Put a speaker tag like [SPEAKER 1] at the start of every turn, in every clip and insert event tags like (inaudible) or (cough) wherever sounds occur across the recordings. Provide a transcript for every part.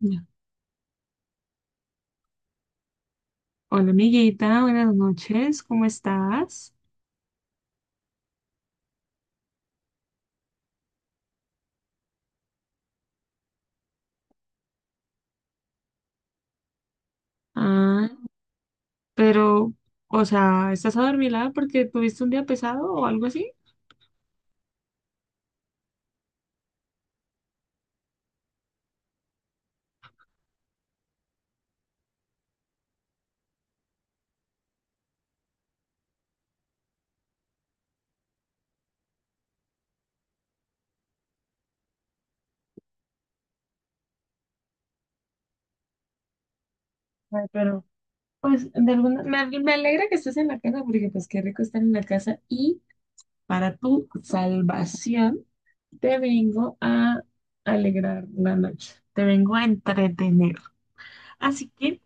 [SPEAKER 1] Ya. Hola amiguita, buenas noches, ¿cómo estás? Ah, pero, o sea, ¿estás adormilada porque tuviste un día pesado o algo así? Ay, pero pues de alguna me alegra que estés en la casa porque pues qué rico estar en la casa y para tu salvación te vengo a alegrar la noche, te vengo a entretener. Así que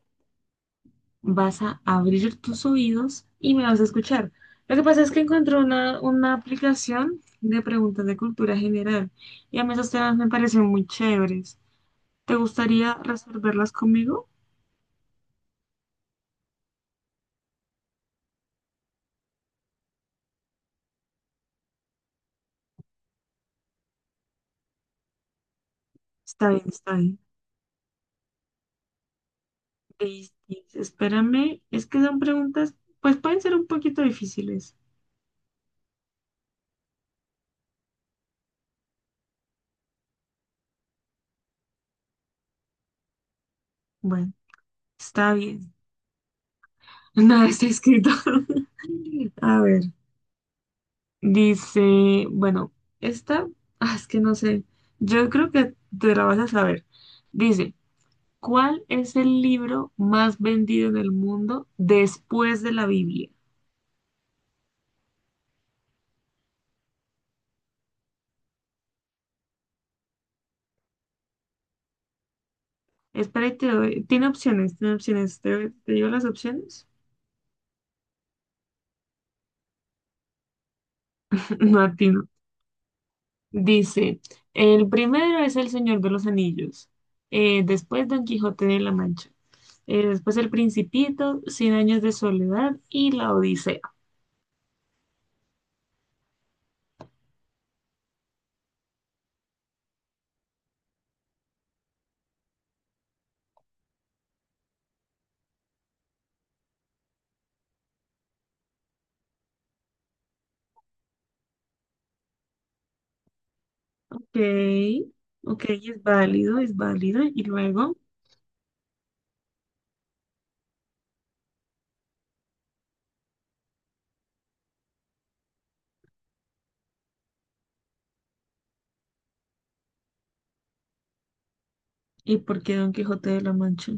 [SPEAKER 1] vas a abrir tus oídos y me vas a escuchar. Lo que pasa es que encontré una aplicación de preguntas de cultura general y a mí esos temas me parecen muy chéveres. ¿Te gustaría resolverlas conmigo? Está bien, está bien. Listis, espérame, es que son preguntas, pues pueden ser un poquito difíciles. Bueno, está bien. (laughs) Nada está escrito. (laughs) A ver, dice, bueno, esta, es que no sé, yo creo que te la vas a saber. Dice, ¿cuál es el libro más vendido en el mundo después de la Biblia? Espera, y te doy- Tiene opciones, tiene opciones. ¿Te, te digo las opciones? (laughs) No atino. Dice, el primero es El Señor de los Anillos. Después Don Quijote de la Mancha. Después El Principito, Cien Años de Soledad y La Odisea. Ok, ok, es válido, es válido. Y luego, ¿y por qué Don Quijote de la Mancha?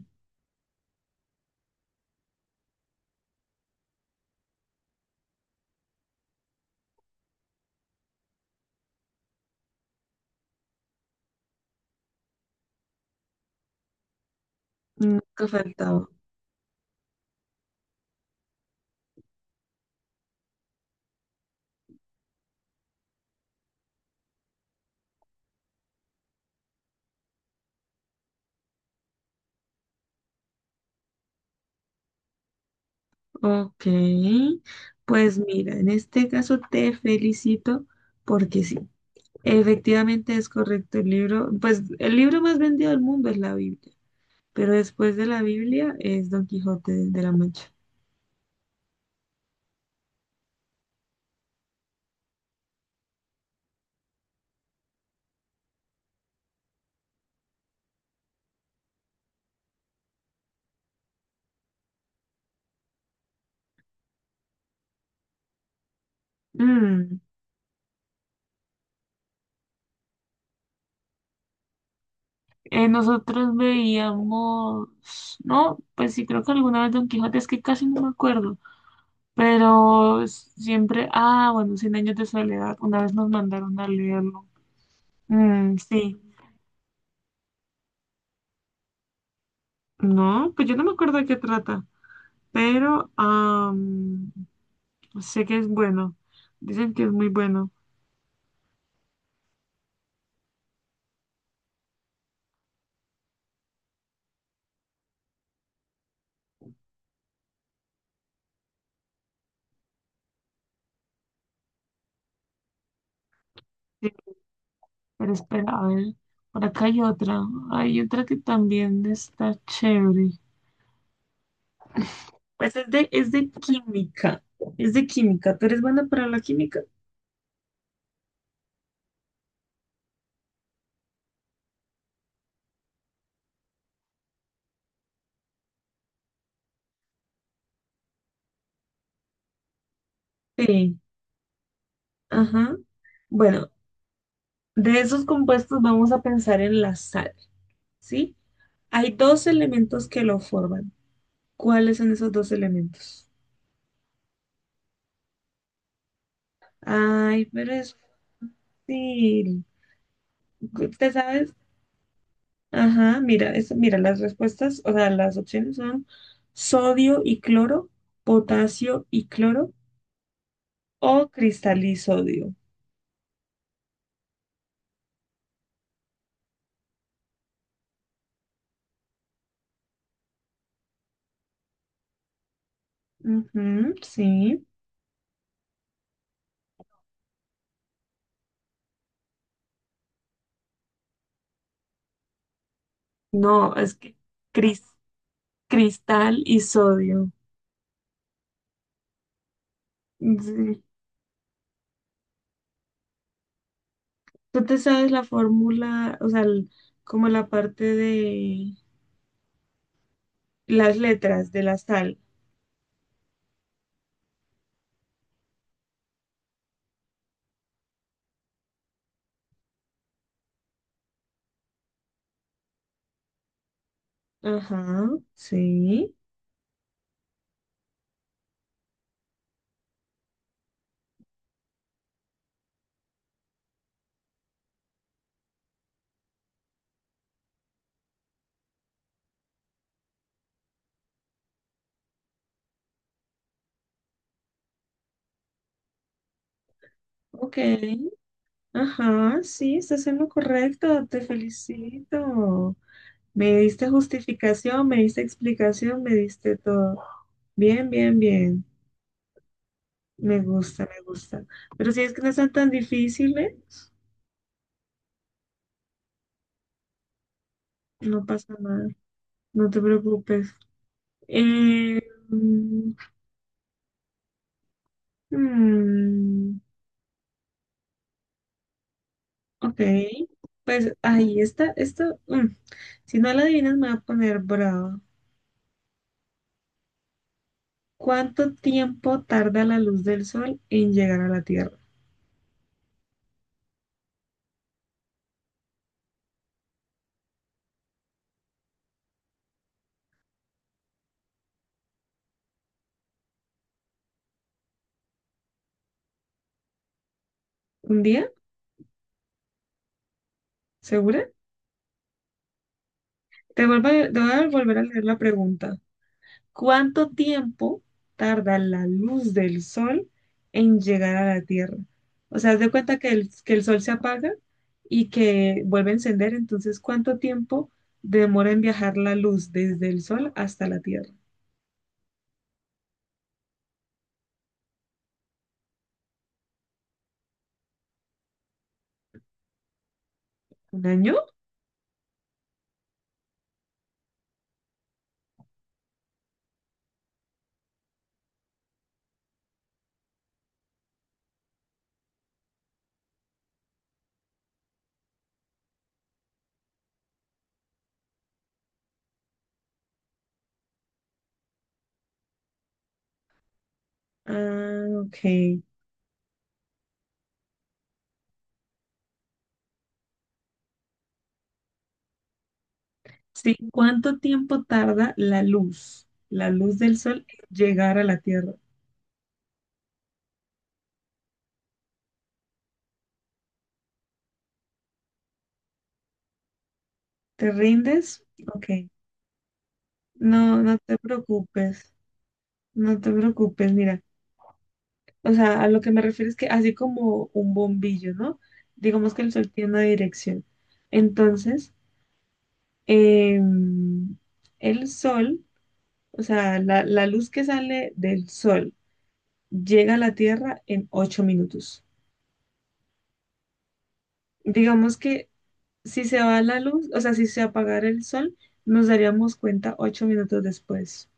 [SPEAKER 1] Nunca faltaba. Ok, pues mira, en este caso te felicito porque sí, efectivamente es correcto el libro, pues el libro más vendido del mundo es la Biblia, pero después de la Biblia es Don Quijote de la Mancha. Mm, nosotros veíamos, no, pues sí, creo que alguna vez Don Quijote, es que casi no me acuerdo, pero siempre, ah, bueno, Cien Años de Soledad, una vez nos mandaron a leerlo. Mm, sí, no, pues yo no me acuerdo de qué trata. Pero am, sé que es bueno. Dicen que es muy bueno. Sí, pero espera, a ver, por acá hay otra. Hay otra que también está chévere. Pues es es de química. Es de química. ¿Tú eres buena para la química? Sí. Ajá. Bueno, de esos compuestos vamos a pensar en la sal, ¿sí? Hay dos elementos que lo forman. ¿Cuáles son esos dos elementos? Ay, pero es fácil. ¿Te sabes? Ajá, mira, mira, las respuestas, o sea, las opciones son sodio y cloro, potasio y cloro o cristalisodio. Ujú, sí. No, es que cris- cristal y sodio. Sí. ¿Tú te sabes la fórmula, o sea, como la parte de las letras de la sal? Ajá, sí. Ok. Ajá, sí, estás en lo correcto, te felicito. Me diste justificación, me diste explicación, me diste todo. Bien, bien, bien. Me gusta, me gusta. Pero si es que no están tan difíciles, no pasa nada. No te preocupes. Eh, mm, mm, ok. Pues ahí está. Si no la adivinas, me va a poner bravo. ¿Cuánto tiempo tarda la luz del sol en llegar a la Tierra? ¿Un día? ¿Segura? Te voy a volver a leer la pregunta. ¿Cuánto tiempo tarda la luz del sol en llegar a la Tierra? O sea, haz de cuenta que que el sol se apaga y que vuelve a encender, entonces, ¿cuánto tiempo demora en viajar la luz desde el sol hasta la Tierra? ¿Un año? Ah, ok. Sí, ¿cuánto tiempo tarda la luz del sol en llegar a la Tierra? ¿Te rindes? Ok. No, no te preocupes, no te preocupes, mira. O sea, a lo que me refiero es que así como un bombillo, ¿no? Digamos que el sol tiene una dirección. Entonces, em, el sol, o sea, la luz que sale del sol llega a la Tierra en 8 minutos. Digamos que si se va la luz, o sea, si se apagara el sol, nos daríamos cuenta 8 minutos después.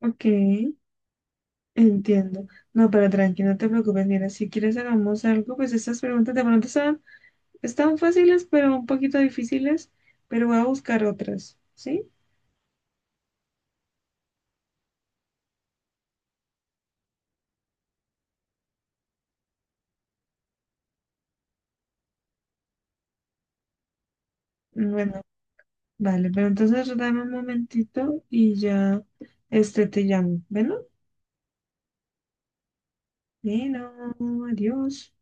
[SPEAKER 1] Ok, entiendo. No, pero tranqui, no te preocupes. Mira, si quieres hagamos algo, pues estas preguntas de pronto son están fáciles, pero un poquito difíciles, pero voy a buscar otras, ¿sí? Bueno, vale, pero entonces dame un momentito y ya este te llamo. Bueno, bueno, adiós.